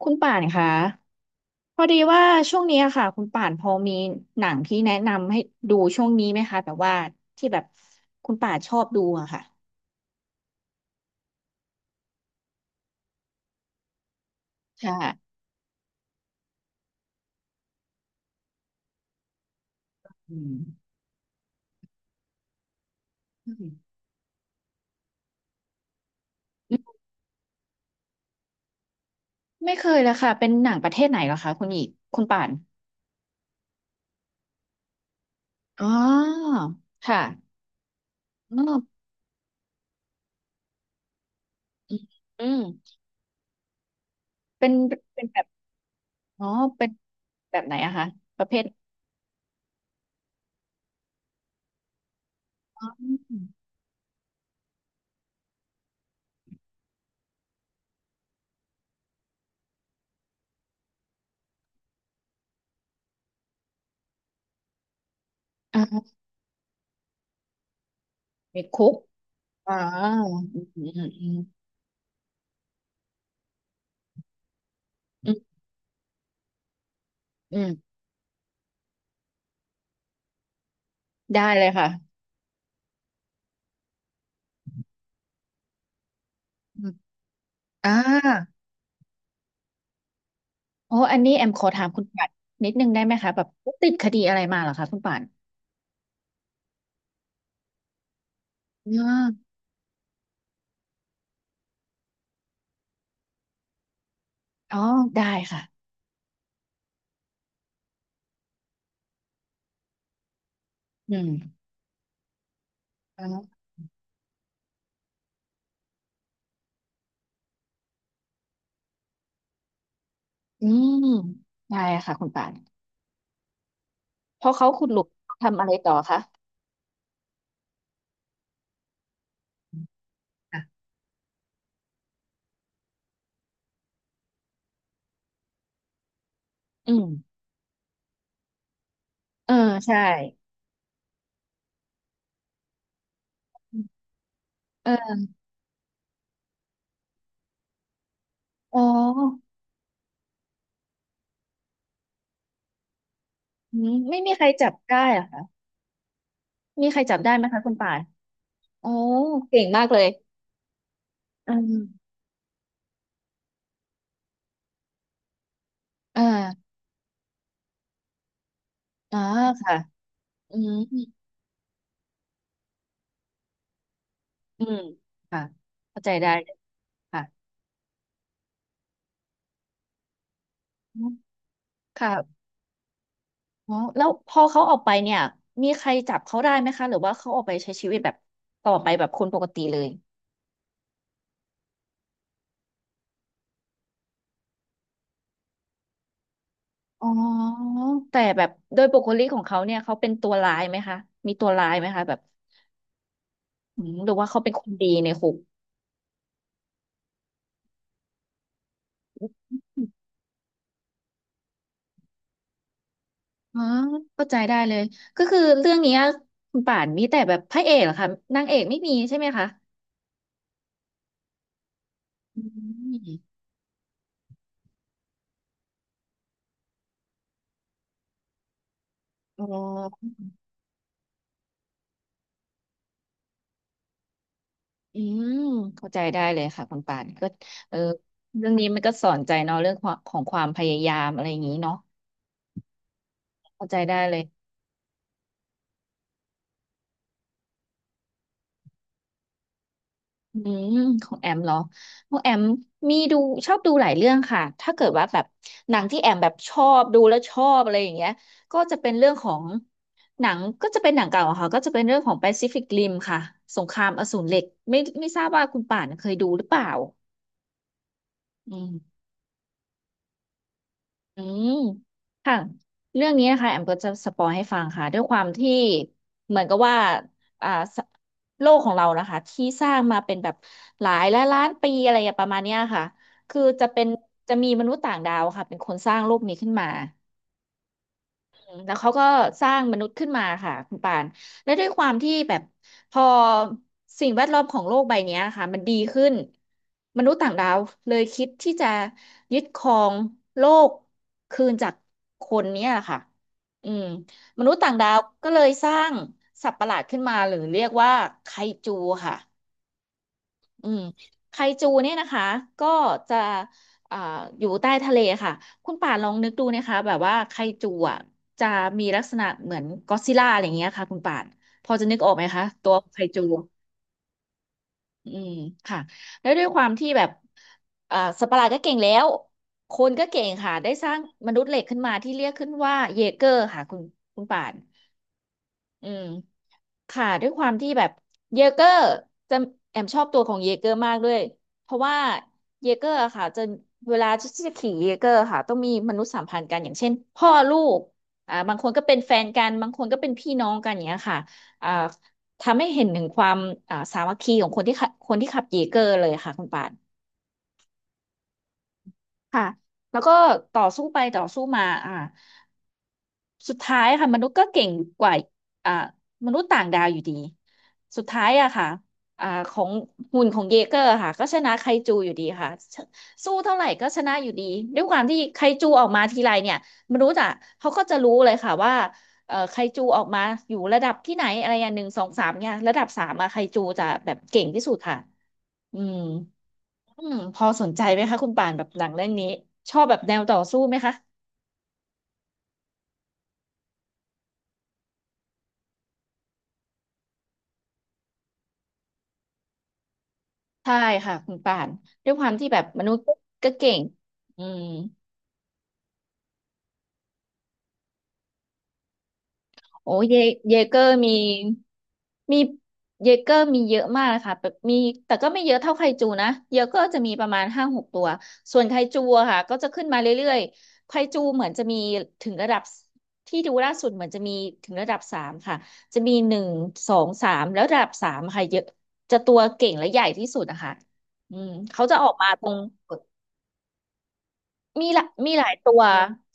คุณป่านคะพอดีว่าช่วงนี้อะค่ะคุณป่านพอมีหนังที่แนะนำให้ดูช่วงนี้ไหมคะแบบว่าที่แบบคุณป่านชอบดูอะค่ะค่ะอืมอืมไม่เคยเลยค่ะ เป็นหนังประเทศไหนเหรอคะคุณป่านอ๋อค่ะอ๋ออืมอืมเป็นเป็นแบบอ๋อเป็นแบบไหนอะคะประเภทอมอ่ามีคุกอ่าอืมอืมอืมอืมอืมได้เลยค่ะอืมอ่า โอ้อันนี้แอมขอถามคุณป่านนิดนึงได้ไหมคะแบบติดคดีอะไรมาเหรอคะคุณป่านอ๋ออ๋อได้ค่ะอืมอ๋ออืมได้ค่ะคุณป่านพอเขาขุดหลุมทำอะไรต่อคะค่ะอืมเออใช่เอออ๋อไม่มีใครจับได้เหรอคะมีใครจับได้ไหมคะคุณป่านโอ้เก่งมากเลยอืมเอออ๋อค่ะอืมอืมค่ะเข้าใจได้เลยค่ะค่ะ อ๋อแล้วพอเขาออกไปเนี่ยมีใครจับเขาได้ไหมคะหรือว่าเขาออกไปใช้ชีวิตแบบต่อไปแบบคนปกติเลยอ๋อแต่แบบโดยปกติของเขาเนี่ยเขาเป็นตัวร้ายไหมคะมีตัวร้ายไหมคะแบบอืมหรือว่าเขาเป็นคนดีในคุกอ๋อเข้าใจได้เลยก็คือเรื่องเนี้ยคุณป่านมีแต่แบบพระเอกเหรอคะนางเอกไม่มีใช่ไหมคะอืมอ๋ออืมเข้าใจได้เลยค่ะคุณป่านก็เออเรื่องนี้มันก็สอนใจเนาะเรื่องความของความพยายามอะไรอย่างนี้เนาะ เข้าใจได้เลยอืมของแอมเหรอของแอมมีดูชอบดูหลายเรื่องค่ะถ้าเกิดว่าแบบหนังที่แอมแบบชอบดูแล้วชอบอะไรอย่างเงี้ยก็จะเป็นเรื่องของหนังก็จะเป็นหนังเก่าอะค่ะก็จะเป็นเรื่องของ Pacific Rim ค่ะสงครามอสูรเหล็กไม่ทราบว่าคุณป่านเคยดูหรือเปล่าอืม อืมค่ะ เรื่องนี้นะคะแอมก็จะสปอยให้ฟังค่ะด้วยความที่เหมือนกับว่าอ่าสโลกของเรานะคะที่สร้างมาเป็นแบบหลายล้านล้านปีอะไรอย่างประมาณเนี้ยค่ะคือจะเป็นจะมีมนุษย์ต่างดาวค่ะเป็นคนสร้างโลกนี้ขึ้นมา แล้วเขาก็สร้างมนุษย์ขึ้นมาค่ะคุณปานและด้วยความที่แบบพอสิ่งแวดล้อมของโลกใบเนี้ยค่ะมันดีขึ้นมนุษย์ต่างดาวเลยคิดที่จะยึดครองโลกคืนจากคนเนี้ยค่ะอืมมนุษย์ต่างดาวก็เลยสร้างสัตว์ประหลาดขึ้นมาหรือเรียกว่าไคจูค่ะ อืมไคจูเนี่ยนะคะก็จะอ่าอยู่ใต้ทะเลค่ะคุณป่านลองนึกดูนะคะแบบว่าไคจูอ่ะจะมีลักษณะเหมือนก็อดซิลล่าอะไรอย่างเงี้ยค่ะคุณป่านพอจะนึกออกไหมคะตัวไคจูอืมค่ะแล้วด้วยความที่แบบอ่าสัตว์ประหลาดก็เก่งแล้วคนก็เก่งค่ะได้สร้างมนุษย์เหล็กขึ้นมาที่เรียกขึ้นว่าเยเกอร์ค่ะคุณป่านอืม ค่ะด้วยความที่แบบเยเกอร์จะแอมชอบตัวของเยเกอร์มากด้วยเพราะว่าเยเกอร์อะค่ะจะเวลาที่จะขี่เยเกอร์ค่ะต้องมีมนุษยสัมพันธ์กันอย่างเช่นพ่อลูกอ่าบางคนก็เป็นแฟนกันบางคนก็เป็นพี่น้องกันอย่างเงี้ยค่ะอ่าทำให้เห็นถึงความอ่าสามัคคีของคนที่ขับเยเกอร์เลยค่ะคุณป่านค่ะแล้วก็ต่อสู้ไปต่อสู้มาอ่า สุดท้ายค่ะมนุษย์ก็เก่งกว่าอ่ามนุษย์ต่างดาวอยู่ดีสุดท้ายอะค่ะอ่าของหุ่นของเยเกอร์ค่ะก็ชนะไคจูอยู่ดีค่ะสู้เท่าไหร่ก็ชนะอยู่ดีด้วยความที่ไคจูออกมาทีไรเนี่ยมนุษย์อะเขาก็จะรู้เลยค่ะว่าเอ่อไคจูออกมาอยู่ระดับที่ไหนอะไรอย่าง1 2 3 เนี่ยระดับสามอะไคจูจะแบบเก่งที่สุดค่ะอืมอืมพอสนใจไหมคะคุณป่านแบบหนังเรื่องนี้ชอบแบบแนวต่อสู้ไหมคะ ใช่ค่ะคุณป่านด้วยความที่แบบมนุษย์ก็เก่งอืมโอ้เยเกอร์มีมีเยเกอร์มีเยอะมากนะคะแบบมีแต่ก็ไม่เยอะเท่าไคจูนะเยเกอร์จะมีประมาณ5-6 ตัวส่วนไคจูอะค่ะก็จะขึ้นมาเรื่อยๆไคจูเหมือนจะมีถึงระดับที่ดูล่าสุดเหมือนจะมีถึงระดับสามค่ะจะมีหนึ่งสองสามแล้วระดับสามค่ะเยอะจะตัวเก่งและใหญ่ที่สุดอะค่ะอืมเขาจะออกมาตรง มีหละมีหลายตัว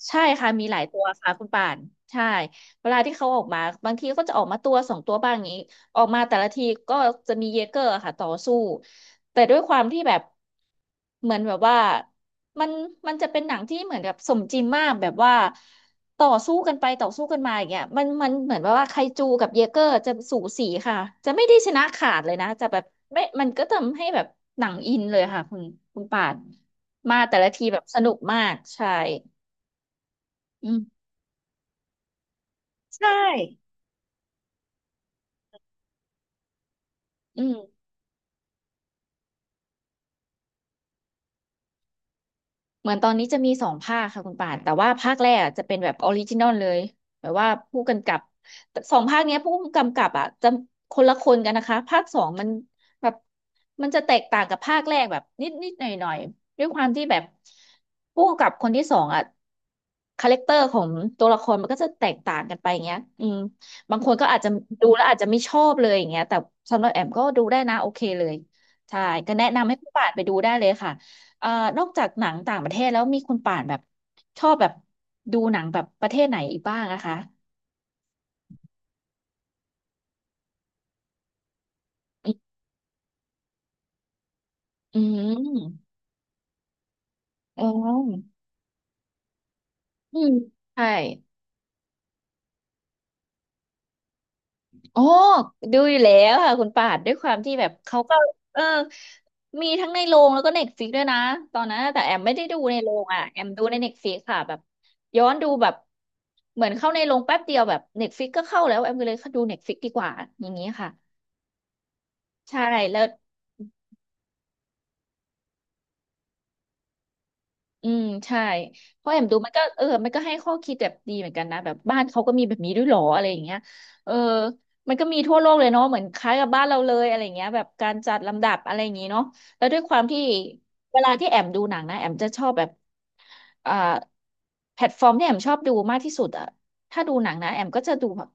ใช่ค่ะมีหลายตัวค่ะคุณป่านใช่เวลาที่เขาออกมาบางทีก็จะออกมาตัวสองตัวบ้างอย่างนี้ออกมาแต่ละทีก็จะมีเยเกอร์ค่ะต่อสู้แต่ด้วยความที่แบบเหมือนแบบว่ามันมันจะเป็นหนังที่เหมือนแบบสมจริงมากแบบว่าต่อสู้กันไปต่อสู้กันมาอย่างเงี้ยมันเหมือนแบบว่าไคจูกับเยเกอร์จะสูสีค่ะจะไม่ได้ชนะขาดเลยนะจะแบบไม่มันก็ทำให้แบบหนังอินเลยค่ะคุณป่าน มาแต่ละทีแบบสนุกมากใช่อืมใช่อืม เหมือนตอนนี้จะมีสองภาคค่ะคุณป่านแต่ว่าภาคแรกอะจะเป็นแบบออริจินอลเลยแบบว่าผู้กำกับแต่สองภาคเนี้ยผู้กำกับอ่ะจะคนละคนกันนะคะภาคสองมันแบบมันจะแตกต่างกับภาคแรกแบบนิดนิดหน่อยหน่อยๆด้วยความที่แบบผู้กำกับคนที่สองอ่ะคาแรคเตอร์ของตัวละครมันก็จะแตกต่างกันไปอย่างเงี้ยอืมบางคนก็อาจจะดูแล้วอาจจะไม่ชอบเลยอย่างเงี้ยแต่สำหรับแอมก็ดูได้นะโอเคเลยใช่ก็แนะนำให้ผู้ป่านไปดูได้เลยค่ะ เอ่อนอกจากหนังต่างประเทศแล้วมีคุณป่านแบบชอบแบบดูหนังแบบประเทศไหนอีกบ้างนะคะอืมอ๋ออืมใช่โอ้ดูอยู่แล้วค่ะคุณป่านด้วยความที่แบบเขาก็เออมีทั้งในโรงแล้วก็เน็ตฟิกด้วยนะตอนนั้นแต่แอมไม่ได้ดูในโรงอ่ะแอมดูในเน็ตฟ i ิกค่ะแบบย้อนดูแบบเหมือนเข้าในโรงแป๊บเดียวแบบเน็ตฟ i ิกก็เข้าแล้วแอมก็เลยดูเน็ตฟ i ิกดีกว่าอย่างนี้ค่ะใช่แล้ว อืมใช่เพราะแอมดูมันก็เออมันก็ให้ข้อคิดแบบดีเหมือนกันนะแบบบ้านเขาก็มีแบบนี้ด้วยเหรออะไรอย่างเงี้ยเออมันก็มีทั่วโลกเลยเนาะเหมือนคล้ายกับบ้านเราเลยอะไรอย่างเงี้ยแบบการจัดลำดับอะไรอย่างงี้เนาะแล้วด้วยความที่เวลาที่แอมดูหนังนะแอมจะชอบแบบอ่าแพลตฟอร์มที่แอมชอบดูมากที่สุดอะถ้าดูหนังนะแอมก็จะดูแบบ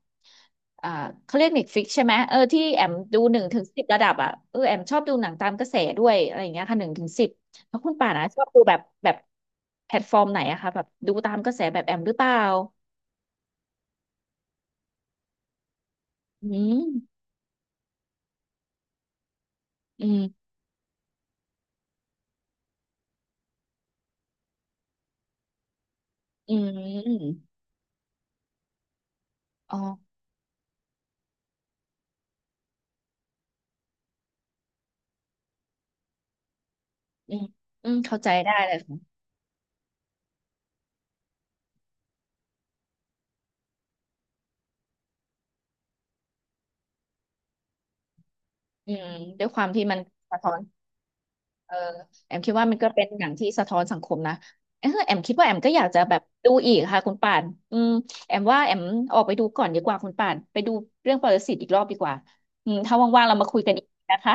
อ่าเขาเรียกเฟิกใช่ไหมเออที่แอมดูหนึ่งถึงสิบระดับอะเออแอมชอบดูหนังตามกระแสด้วยอะไรอย่างเงี้ยค่ะหนึ่งถึงสิบ แล้วคุณป่านะชอบดูแบบแบบแพลตฟอร์มไหนอะคะแบบดูตามกระแสแบบแอมหรือเปล่าอืมอืมอืมอ๋ออืมอืมเข้าใจได้เลยค่ะอืมด้วยความที่มันสะท้อนเออแอมคิดว่ามันก็เป็นหนังที่สะท้อนสังคมนะเออแอมคิดว่าแอมก็อยากจะแบบดูอีกค่ะคุณป่านอืมแอมว่าแอมออกไปดูก่อนดีกว่าคุณป่านไปดูเรื่องปรสิตอีกรอบดีกว่าอืมถ้าว่างๆเรามาคุยกันอีกนะคะ